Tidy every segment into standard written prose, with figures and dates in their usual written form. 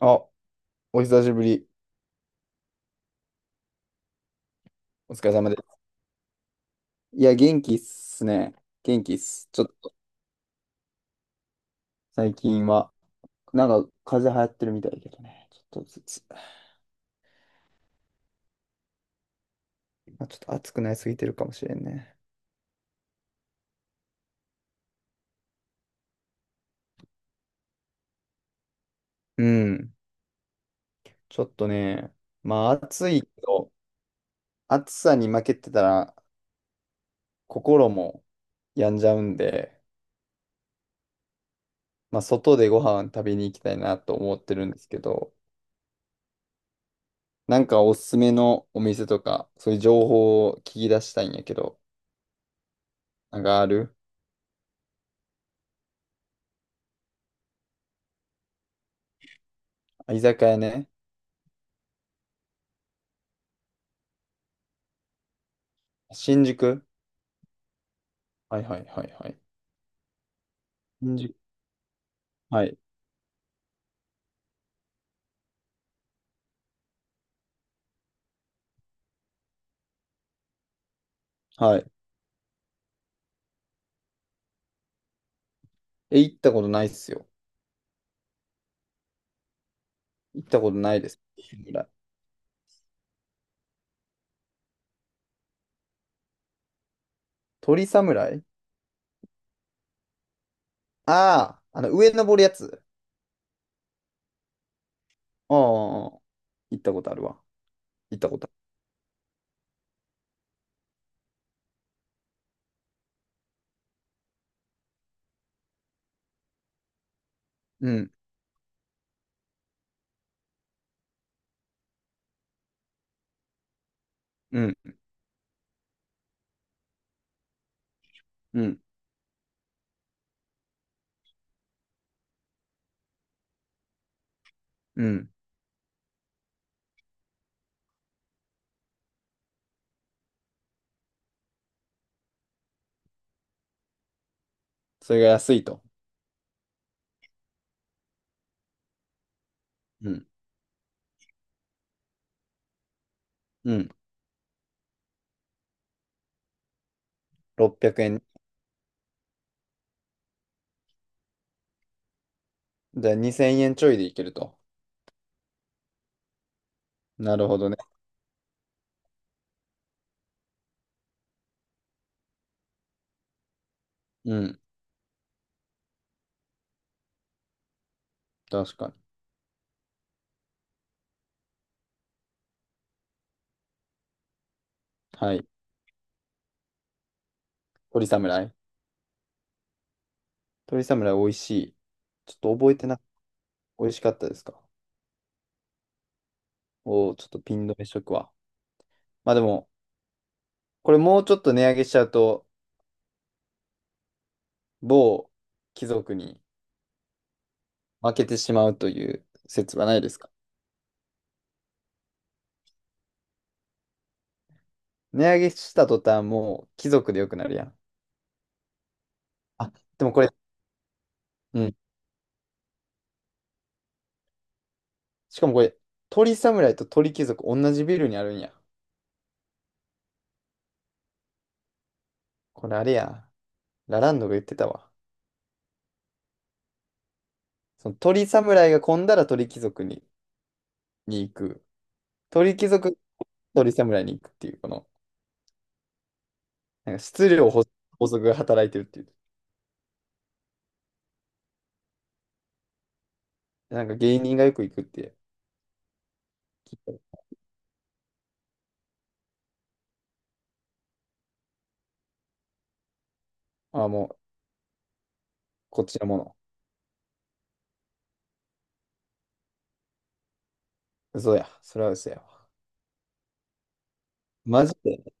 あ、お久しぶり。お疲れ様です。いや、元気っすね。元気っす。ちょっと、最近は、なんか、風邪流行ってるみたいだけどね。ちょっとずつ、まあ、ちょっと暑くなりすぎてるかもしれんね。うん。ちょっとね、まあ、暑いけど、暑さに負けてたら、心も病んじゃうんで、まあ、外でご飯食べに行きたいなと思ってるんですけど、なんかおすすめのお店とか、そういう情報を聞き出したいんやけど、なんかある？あ、居酒屋ね。新宿？はいはいはいはい。新宿、はい。はい。え、行ったことないっすよ。行ったことないです。侍？鳥侍？ああー、あの、上登るやつ。ああ、行ったことあるわ。行ったことある。うん、うん、うん、うん。それが安いと。うん、うん。600円。じゃあ2000円ちょいでいけると。なるほどね。うん、確かに。はい。鳥侍。鳥侍美味しい。ちょっと覚えてな、美味しかったですか？おー、ちょっとピン止めしとくわ。まあでも、これもうちょっと値上げしちゃうと、某貴族に負けてしまうという説はないですか？値上げした途端、もう貴族でよくなるやん。あ、でもこれ、うん。しかもこれ、鳥侍と鳥貴族同じビルにあるんや。これあれや。ラランドが言ってたわ。その鳥侍が混んだら鳥貴族に、行く。鳥貴族、鳥侍に行くっていう、この、なんか質量法法則が働いてるっていう。なんか芸人がよく行くっていう。ああ、もう、こっちのもの。嘘や。それは嘘や。マジで。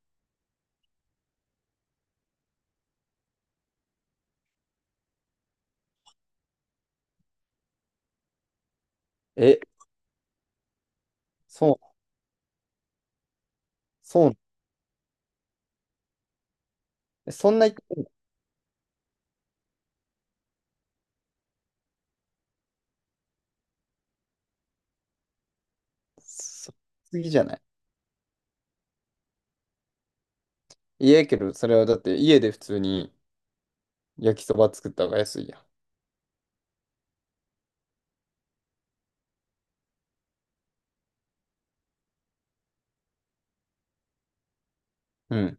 え、そう、そう、え、そんな言ってんの？そ次じゃない？いやけど、それはだって家で普通に焼きそば作った方が安いやん。うん。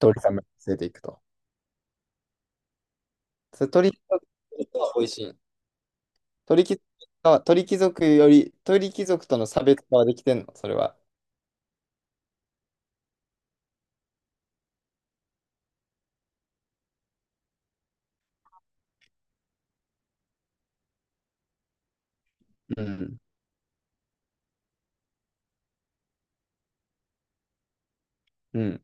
鶏さんま連れていくと。それ鳥貴族は美味しい。鳥貴族鳥貴族より、鳥貴族との差別化はできてんの、それは？うん。うん。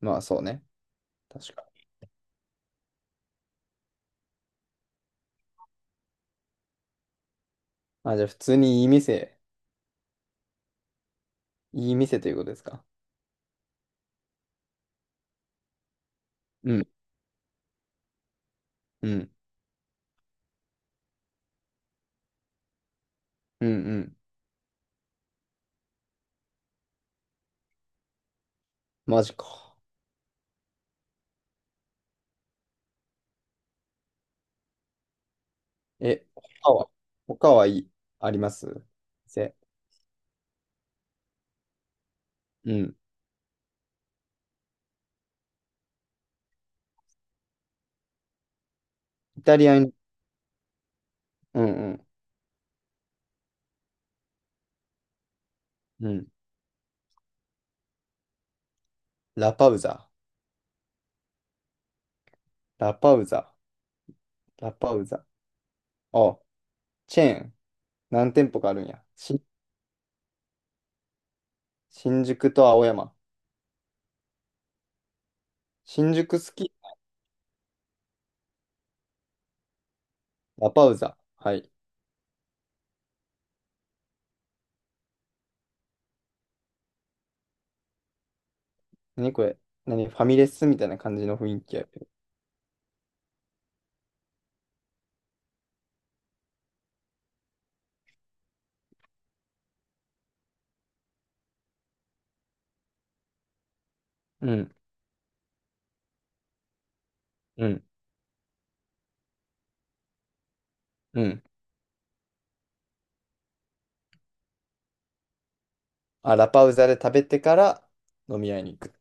まあそうね。確か。あ、じゃあ普通にいい店、いい店ということですか？うん。うん。うんうん。マジか。え、他は、他はいい、あります？うん。イタリアに、うんうん。うん。ラパウザ。ラパウザ。ラパウザ。あ、チェーン。何店舗かあるんや。新宿と青山。新宿好き。ラパウザ。はい。何これ？何ファミレスみたいな感じの雰囲気やけど。うん。うん。うん。あ、ラパウザで食べてから飲み屋に行く。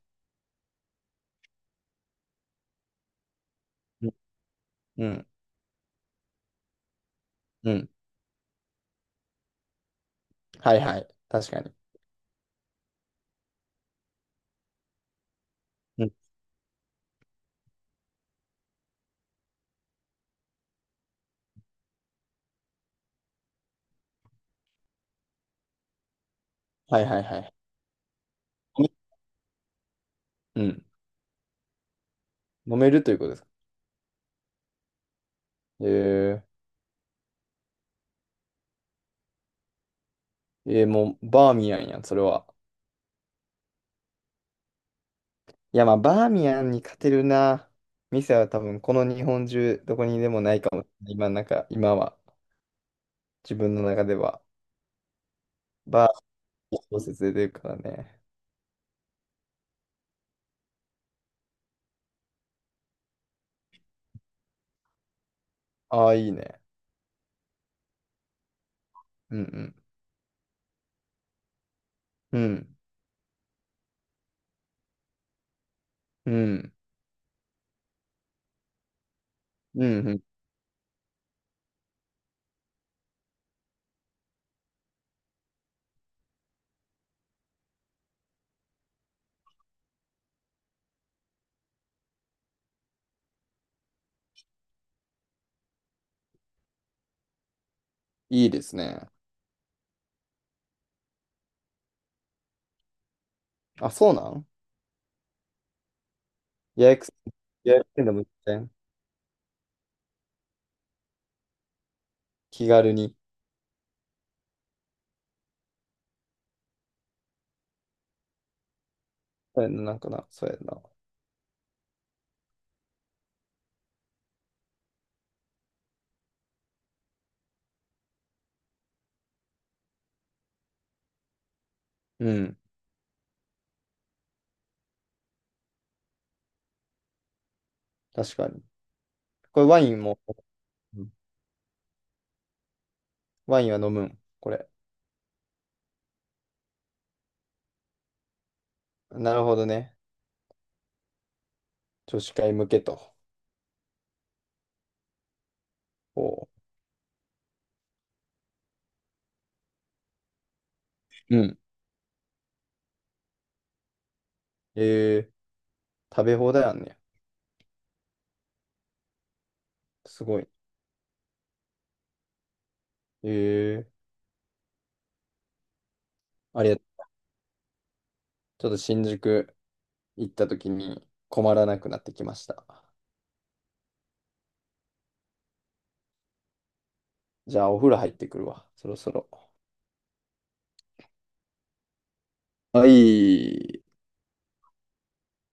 うん。うん。うん、はいはい。確かに。うん、はいはいはい。うん。飲めるということですか。えもうバーミヤンやん、それは。いや、まあ、バーミヤンに勝てるな。店は多分、この日本中、どこにでもないかもしれない。今、なんか、今は、自分の中では、バーミヤン小説で出るからね。ああ、いいね。うん、うん、うん、うん、うん、うん。いいですね。あ、そうなん？予約、予約せんでも全然気軽に。そうやな、なんかな、そうやな。うん、確かに。これ、ワインも、うん、ワインは飲むん、これ？なるほどね。女子会向けと。おう。うん。えー、食べ放題あんねや。すごい。ええ、ありがとう。ちょっと新宿行った時に困らなくなってきました。じゃあお風呂入ってくるわ。そろそろ。はい。